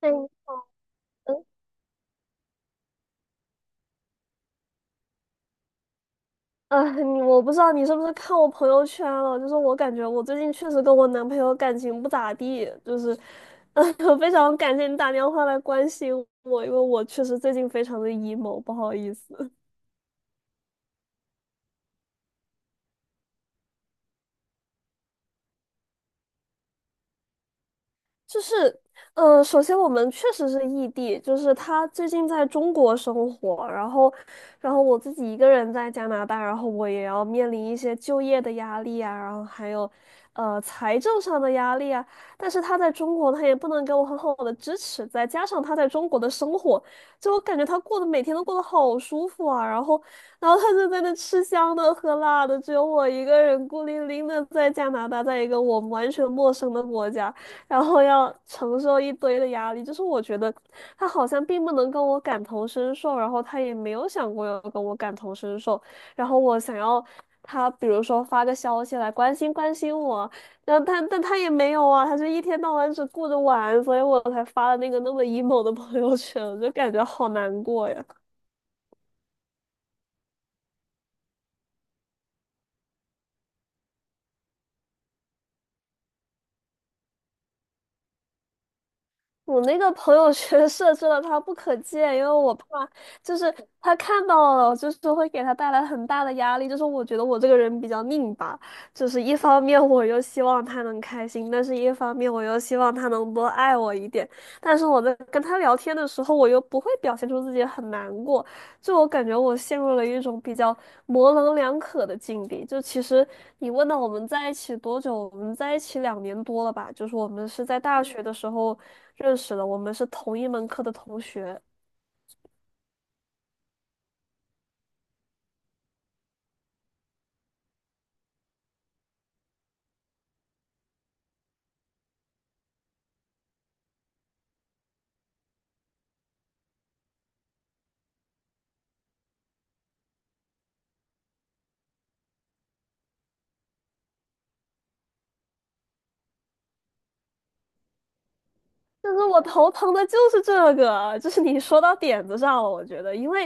哎，嗯，啊，你我不知道你是不是看我朋友圈了，就是我感觉我最近确实跟我男朋友感情不咋地，就是，呃，非常感谢你打电话来关心我，因为我确实最近非常的 emo，不好意思。就是，首先我们确实是异地，就是他最近在中国生活，然后我自己一个人在加拿大，然后我也要面临一些就业的压力啊，然后还有，财政上的压力啊。但是他在中国，他也不能给我很好的支持，再加上他在中国的生活，就我感觉他过得每天都过得好舒服啊，然后他就在那吃香的喝辣的，只有我一个人孤零零的在加拿大，在一个我完全陌生的国家。然后要承受一堆的压力。就是我觉得他好像并不能跟我感同身受，然后他也没有想过要跟我感同身受。然后我想要他，比如说发个消息来关心关心我，然后但他也没有啊，他就一天到晚只顾着玩，所以我才发了那个那么 emo 的朋友圈，我就感觉好难过呀。我那个朋友圈设置了他不可见，因为我怕就是他看到了，就是会给他带来很大的压力。就是我觉得我这个人比较拧巴，就是一方面我又希望他能开心，但是一方面我又希望他能多爱我一点。但是我在跟他聊天的时候，我又不会表现出自己很难过，就我感觉我陷入了一种比较模棱两可的境地。就其实你问到我们在一起多久，我们在一起2年多了吧？就是我们是在大学的时候认识的，我们是同一门课的同学。但是我头疼的就是这个，就是你说到点子上了，我觉得，因为，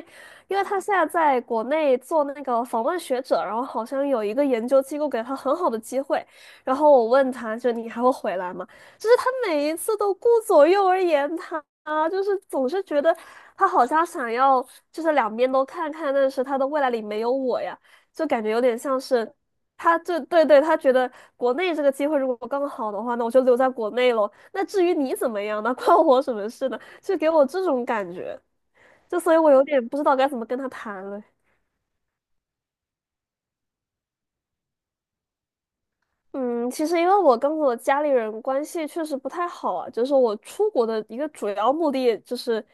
因为他现在在国内做那个访问学者，然后好像有一个研究机构给他很好的机会，然后我问他，就你还会回来吗？就是他每一次都顾左右而言他，就是总是觉得他好像想要就是两边都看看，但是他的未来里没有我呀，就感觉有点像是。他就对对，他觉得国内这个机会如果刚好的话，那我就留在国内喽。那至于你怎么样呢，关我什么事呢？就给我这种感觉，就所以我有点不知道该怎么跟他谈了。嗯，其实因为我跟我家里人关系确实不太好啊，就是我出国的一个主要目的就是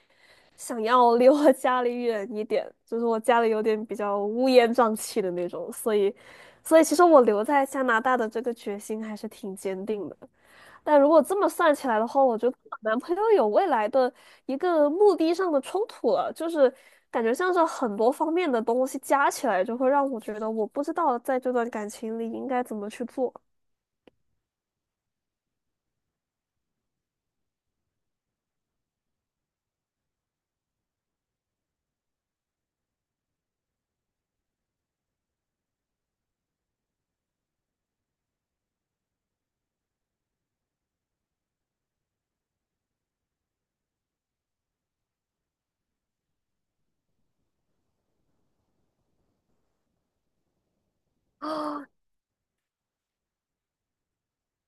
想要离我家里远一点，就是我家里有点比较乌烟瘴气的那种，所以其实我留在加拿大的这个决心还是挺坚定的。但如果这么算起来的话，我觉得我男朋友有未来的一个目的上的冲突了，就是感觉像是很多方面的东西加起来，就会让我觉得我不知道在这段感情里应该怎么去做。啊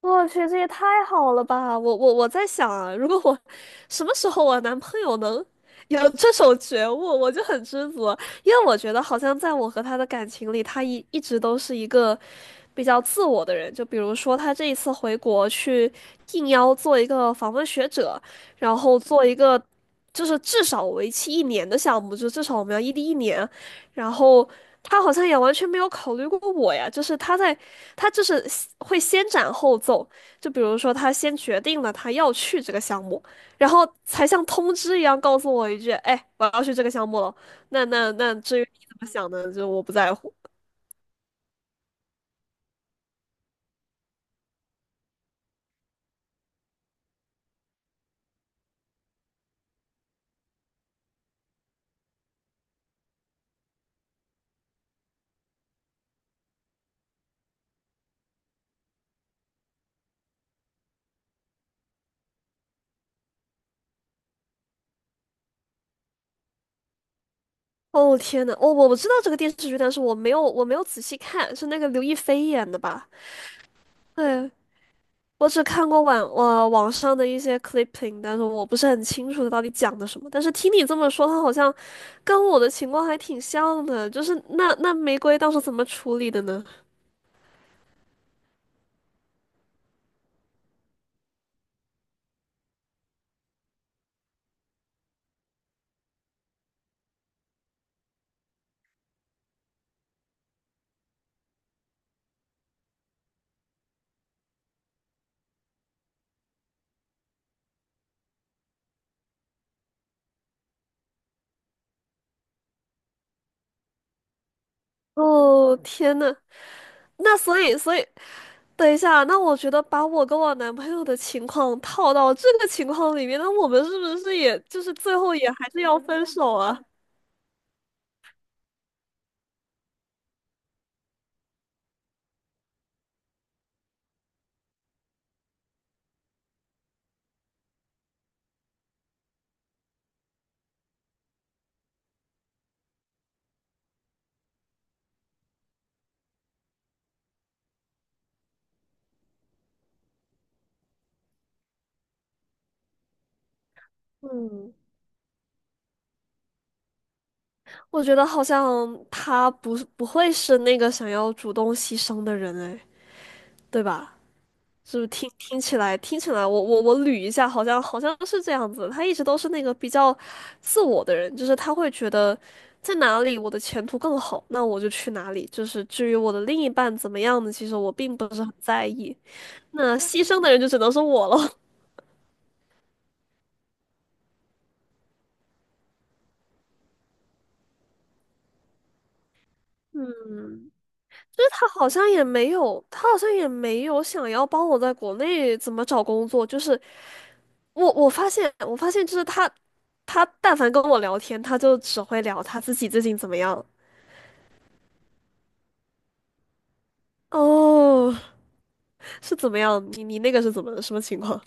我去，这也太好了吧！我在想啊，如果我什么时候我男朋友能有这种觉悟，我就很知足，因为我觉得好像在我和他的感情里，他一直都是一个比较自我的人。就比如说他这一次回国去应邀做一个访问学者，然后做一个就是至少为期一年的项目，就至少我们要异地一年，然后他好像也完全没有考虑过我呀，他就是先会先斩后奏，就比如说他先决定了他要去这个项目，然后才像通知一样告诉我一句，哎，我要去这个项目了。那至于你怎么想呢，就我不在乎。哦天呐，我知道这个电视剧，但是我没有仔细看，是那个刘亦菲演的吧？对，我只看过网上的一些 clipping，但是我不是很清楚它到底讲的什么。但是听你这么说，他好像跟我的情况还挺像的，就是那玫瑰当时怎么处理的呢？哦，天呐，那所以，等一下，那我觉得把我跟我男朋友的情况套到这个情况里面，那我们是不是也就是最后也还是要分手啊？嗯，我觉得好像他不会是那个想要主动牺牲的人，哎，对吧？是不是听起来，我捋一下，好像是这样子。他一直都是那个比较自我的人，就是他会觉得在哪里我的前途更好，那我就去哪里。就是至于我的另一半怎么样呢，其实我并不是很在意。那牺牲的人就只能是我了。嗯，他好像也没有，他好像也没有想要帮我在国内怎么找工作。就是我发现就是他但凡跟我聊天，他就只会聊他自己最近怎么样。哦，是怎么样？你那个是怎么什么情况？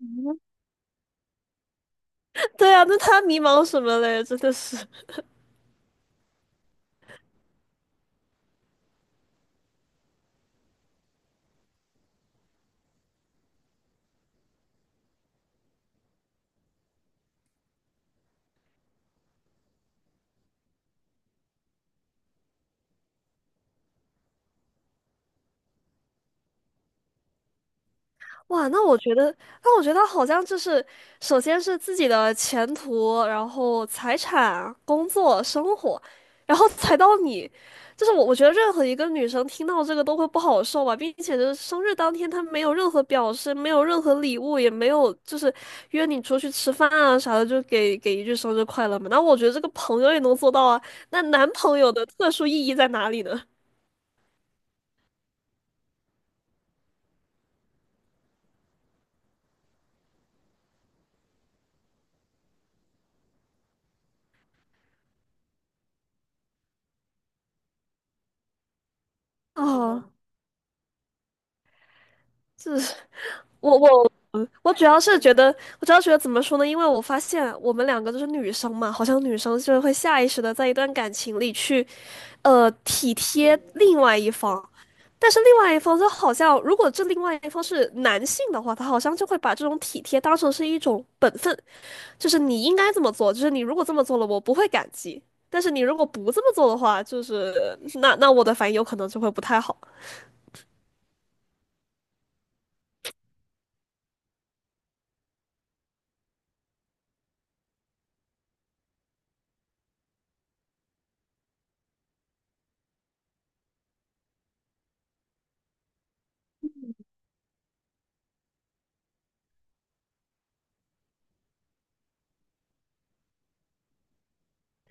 对啊，那他迷茫什么嘞？真的是，哇，那我觉得，好像就是，首先是自己的前途，然后财产、工作、生活，然后才到你，就是我觉得任何一个女生听到这个都会不好受吧，并且就是生日当天，她没有任何表示，没有任何礼物，也没有就是约你出去吃饭啊啥的，就给一句生日快乐嘛。那我觉得这个朋友也能做到啊，那男朋友的特殊意义在哪里呢？哦，这是我我主要是觉得，我主要觉得怎么说呢？因为我发现我们两个都是女生嘛，好像女生就是会下意识的在一段感情里去体贴另外一方，但是另外一方就好像，如果这另外一方是男性的话，他好像就会把这种体贴当成是一种本分，就是你应该这么做，就是你如果这么做了，我不会感激，但是你如果不这么做的话，就是那我的反应有可能就会不太好。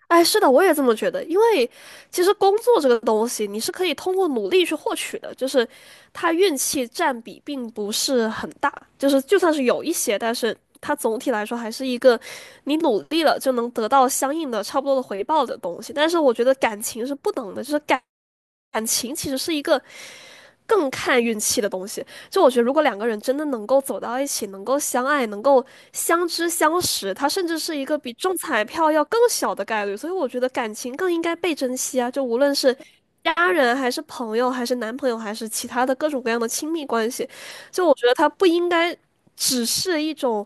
哎，是的，我也这么觉得。因为其实工作这个东西，你是可以通过努力去获取的，就是它运气占比并不是很大，就是就算是有一些，但是它总体来说还是一个你努力了就能得到相应的差不多的回报的东西。但是我觉得感情是不等的，就是感情其实是一个更看运气的东西。就我觉得，如果两个人真的能够走到一起，能够相爱，能够相知相识，它甚至是一个比中彩票要更小的概率。所以我觉得感情更应该被珍惜啊！就无论是家人，还是朋友，还是男朋友，还是其他的各种各样的亲密关系，就我觉得它不应该只是一种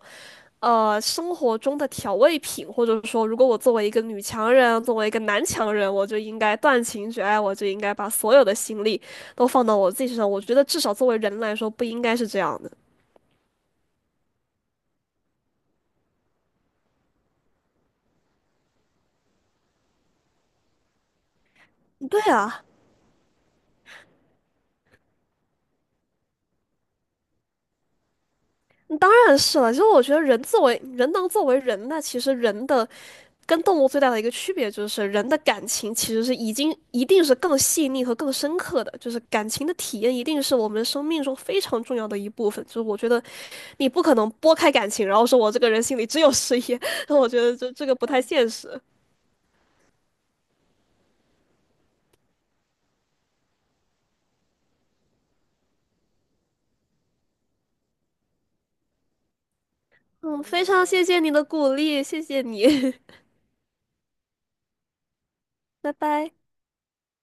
生活中的调味品，或者说，如果我作为一个女强人，作为一个男强人，我就应该断情绝爱，我就应该把所有的心力都放到我自己身上。我觉得至少作为人来说，不应该是这样的。对啊，当然是了。其实我觉得人作为人能作为人，那其实人的跟动物最大的一个区别就是，人的感情其实是已经一定是更细腻和更深刻的，就是感情的体验一定是我们生命中非常重要的一部分。就是我觉得，你不可能拨开感情，然后说我这个人心里只有事业，那我觉得这个不太现实。嗯，非常谢谢你的鼓励，谢谢你，拜拜。